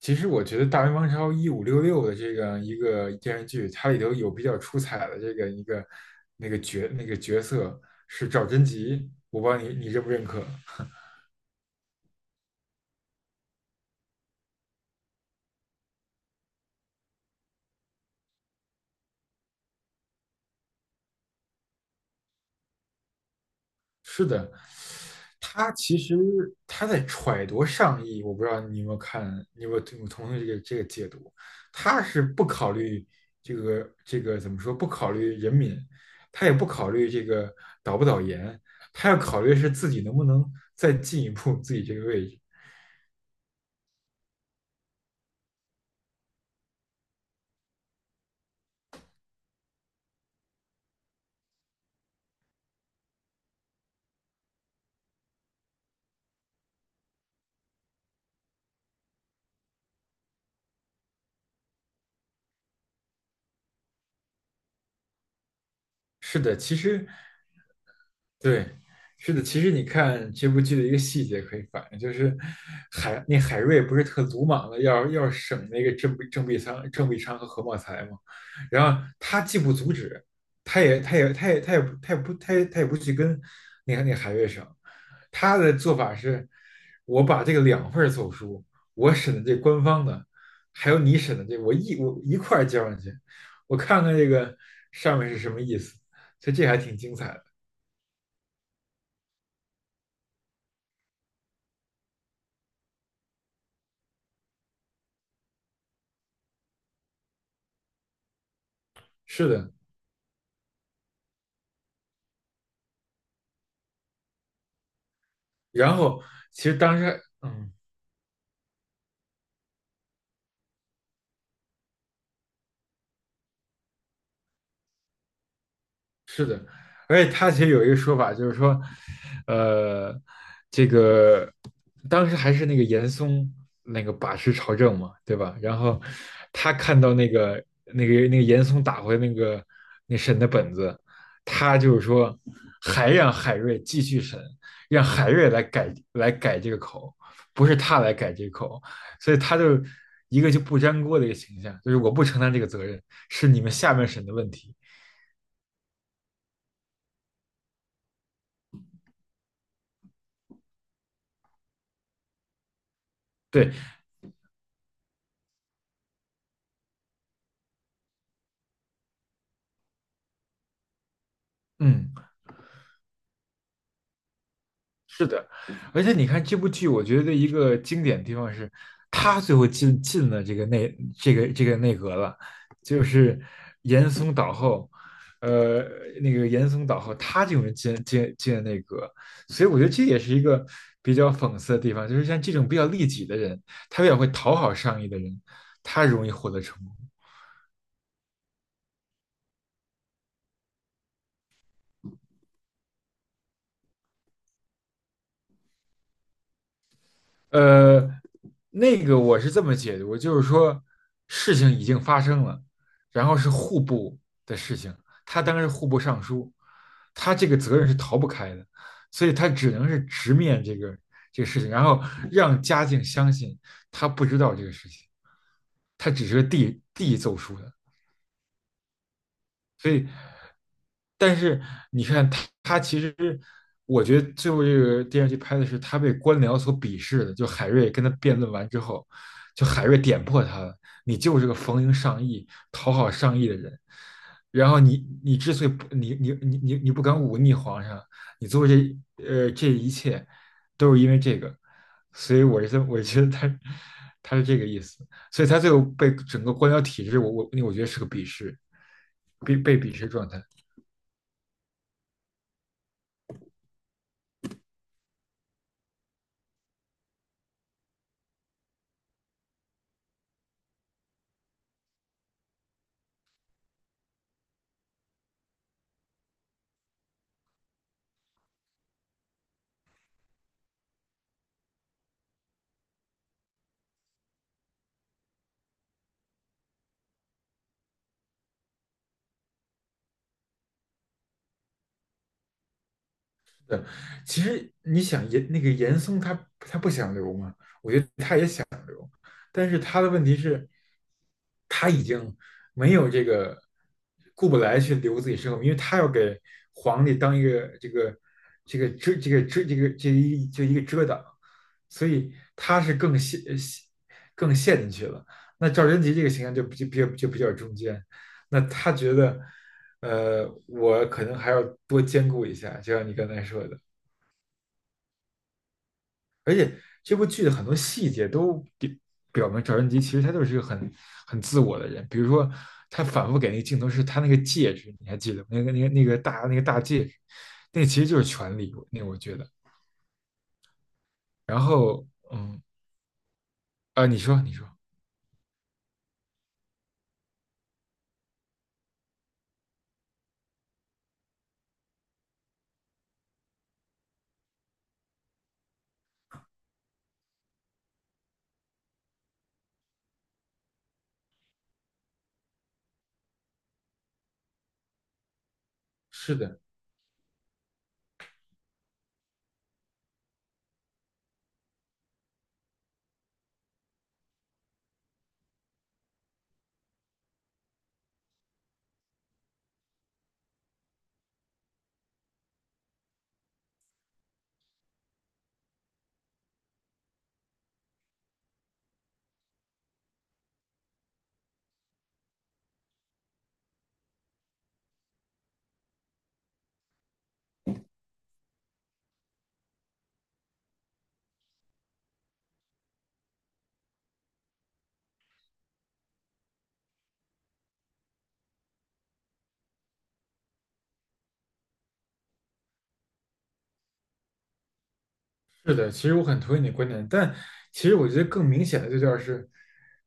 其实我觉得《大明王朝一五六六》的这个电视剧，它里头有比较出彩的这个一个那个角那个角色是赵贞吉，我不知道你认不认可？是的，他其实他在揣度上意，我不知道你有没有看，你有没有同意这个解读？他是不考虑这个怎么说？不考虑人民，他也不考虑这个导不导研，他要考虑是自己能不能再进一步自己这个位置。是的，其实，对，是的，其实你看这部剧的一个细节可以反映，就是海瑞不是特鲁莽的要审那个郑必昌和何茂才嘛，然后他既不阻止，他也他也他也他也不他也不他也他也不去跟那个海瑞审，他的做法是，我把这个两份儿奏书，我审的这官方的，还有你审的这个我一块儿交上去，我看看这个上面是什么意思，所以这还挺精彩的。是的，然后其实当时，是的，而且他其实有一个说法，就是说，呃，这个当时还是那个严嵩那个把持朝政嘛，对吧？然后他看到那个严嵩打回那个那审的本子，他就是说还让海瑞继续审，让海瑞来改这个口，不是他来改这个口，所以他就一个就不粘锅的一个形象，就是我不承担这个责任，是你们下面审的问题。对，嗯，是的，而且你看这部剧，我觉得一个经典的地方是，他最后进了这个内这个这个内阁了，就是严嵩倒后，呃，那个严嵩倒后，他这种人进了内阁，所以我觉得这也是一个比较讽刺的地方，就是像这种比较利己的人，他比较会讨好上意的人，他容易获得成功。呃，那个我是这么解读，就是说事情已经发生了，然后是户部的事情，他当然是户部尚书，他这个责任是逃不开的，所以他只能是直面这个事情，然后让嘉靖相信他不知道这个事情，他只是个递奏疏的，所以但是你看他，他其实我觉得最后这个电视剧拍的是他被官僚所鄙视的，就海瑞跟他辩论完之后，就海瑞点破他了，你就是个逢迎上意、讨好上意的人。然后你之所以不你你你你你不敢忤逆皇上，你做这这一切都是因为这个，所以我是这我觉得他他是这个意思，所以他最后被整个官僚体制，我觉得是个鄙视，被鄙视状态。对，其实你想严那个严嵩他不想留嘛，但是他的问题是，他已经没有这个顾不来去留自己身后，因为他要给皇帝当一个这个这个遮这个遮这个这一就一个遮挡，所以他是更陷进去了。那赵贞吉这个形象就比就比就比较中间，那他觉得，我可能还要多兼顾一下，就像你刚才说的。这部剧的很多细节都表明赵贞吉其实他就是一个很自我的人。比如说，他反复给那个镜头是他那个戒指，你还记得吗？那个那个那个大那个大戒指，那个其实就是权力。那个我觉得，然后你说你说，是的，是的，其实我很同意你的观点，但其实我觉得更明显的就叫是，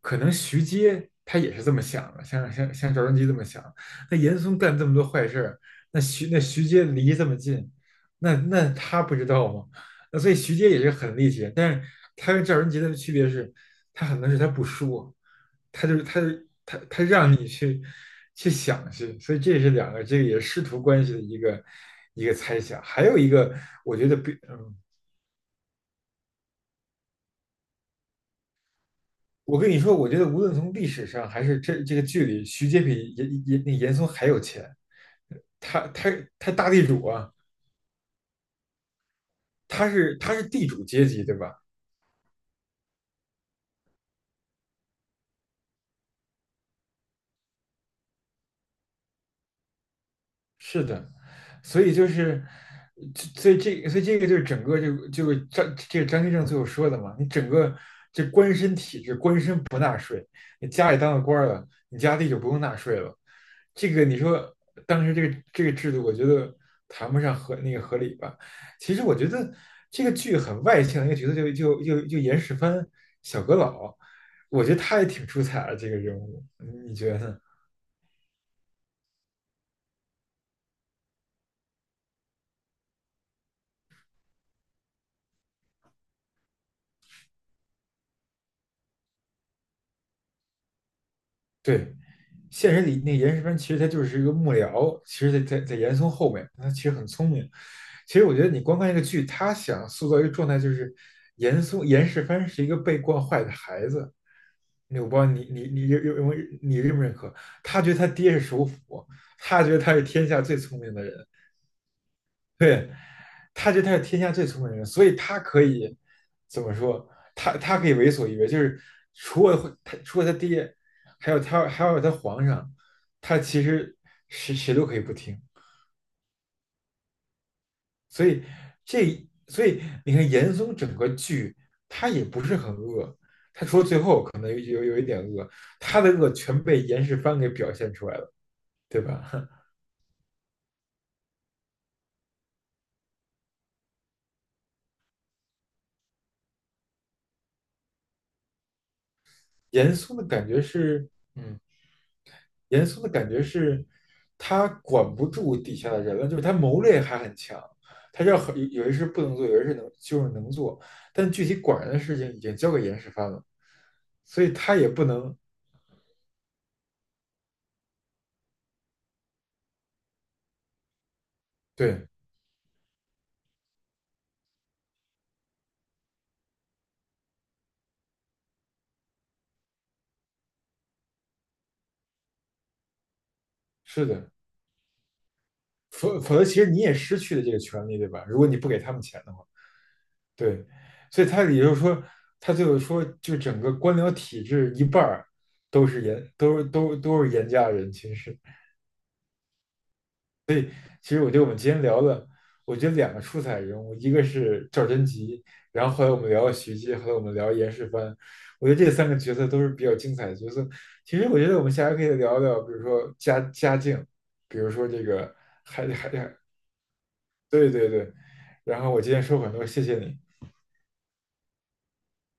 可能徐阶他也是这么想的，像赵贞吉这么想。那严嵩干这么多坏事儿，那徐那徐阶离这么近，那他不知道吗？那所以徐阶也是很厉害，但是他跟赵贞吉的区别是，他很多事他不说，他就是他他他让你去想去，所以这是两个这个也是师徒关系的一个一个猜想，还有一个我觉得比。我跟你说，我觉得无论从历史上还是这个剧里，徐阶比严嵩还有钱，他他他大地主啊，他是地主阶级，对吧？是的，所以就是，所以这个就是整个是张这个张居正最后说的嘛，你整个你家里当了官儿了，你家地就不用纳税了。这个你说当时这个制度，我觉得谈不上合那个合理吧。其实我觉得这个剧很外向的一个角色就严世蕃小阁老，我觉得他也挺出彩的这个人物，你你觉得呢？对，现实里那严世蕃其实他就是一个幕僚，其实在严嵩后面，他其实很聪明。其实我觉得你光看这个剧，他想塑造一个状态，就是严嵩严世蕃是一个被惯坏的孩子。那我不知道你认为你认不认可？他觉得他爹是首辅，他觉得他是天下最聪明的人，对，他觉得他是天下最聪明的人，所以他可以怎么说？他可以为所欲为，就是除了他爹，还有他皇上，他其实谁都可以不听。所以所以你看严嵩整个剧他也不是很恶，他的恶全被严世蕃给表现出来了，对吧？严嵩的感觉是，嗯，严嵩的感觉是，他管不住底下的人了，就是他谋略还很强，他知道有些事不能做，有些事能就是能做，但具体管人的事情已经交给严世蕃了，所以他也不能，对，是的，否则其实你也失去了这个权利，对吧？如果你不给他们钱的话，对，所以他也就是说，他最后说，就整个官僚体制一半儿都是严，都是都都是严家人，其实。其实我觉得我们今天聊的，我觉得两个出彩人物，一个是赵贞吉，然后后来我们聊了徐阶，后来我们聊严世蕃，我觉得这三个角色都是比较精彩的角色。其实我觉得我们下回可以聊聊，比如说家境，比如说这个还还还，对对对。然后我今天说很多，谢谢你。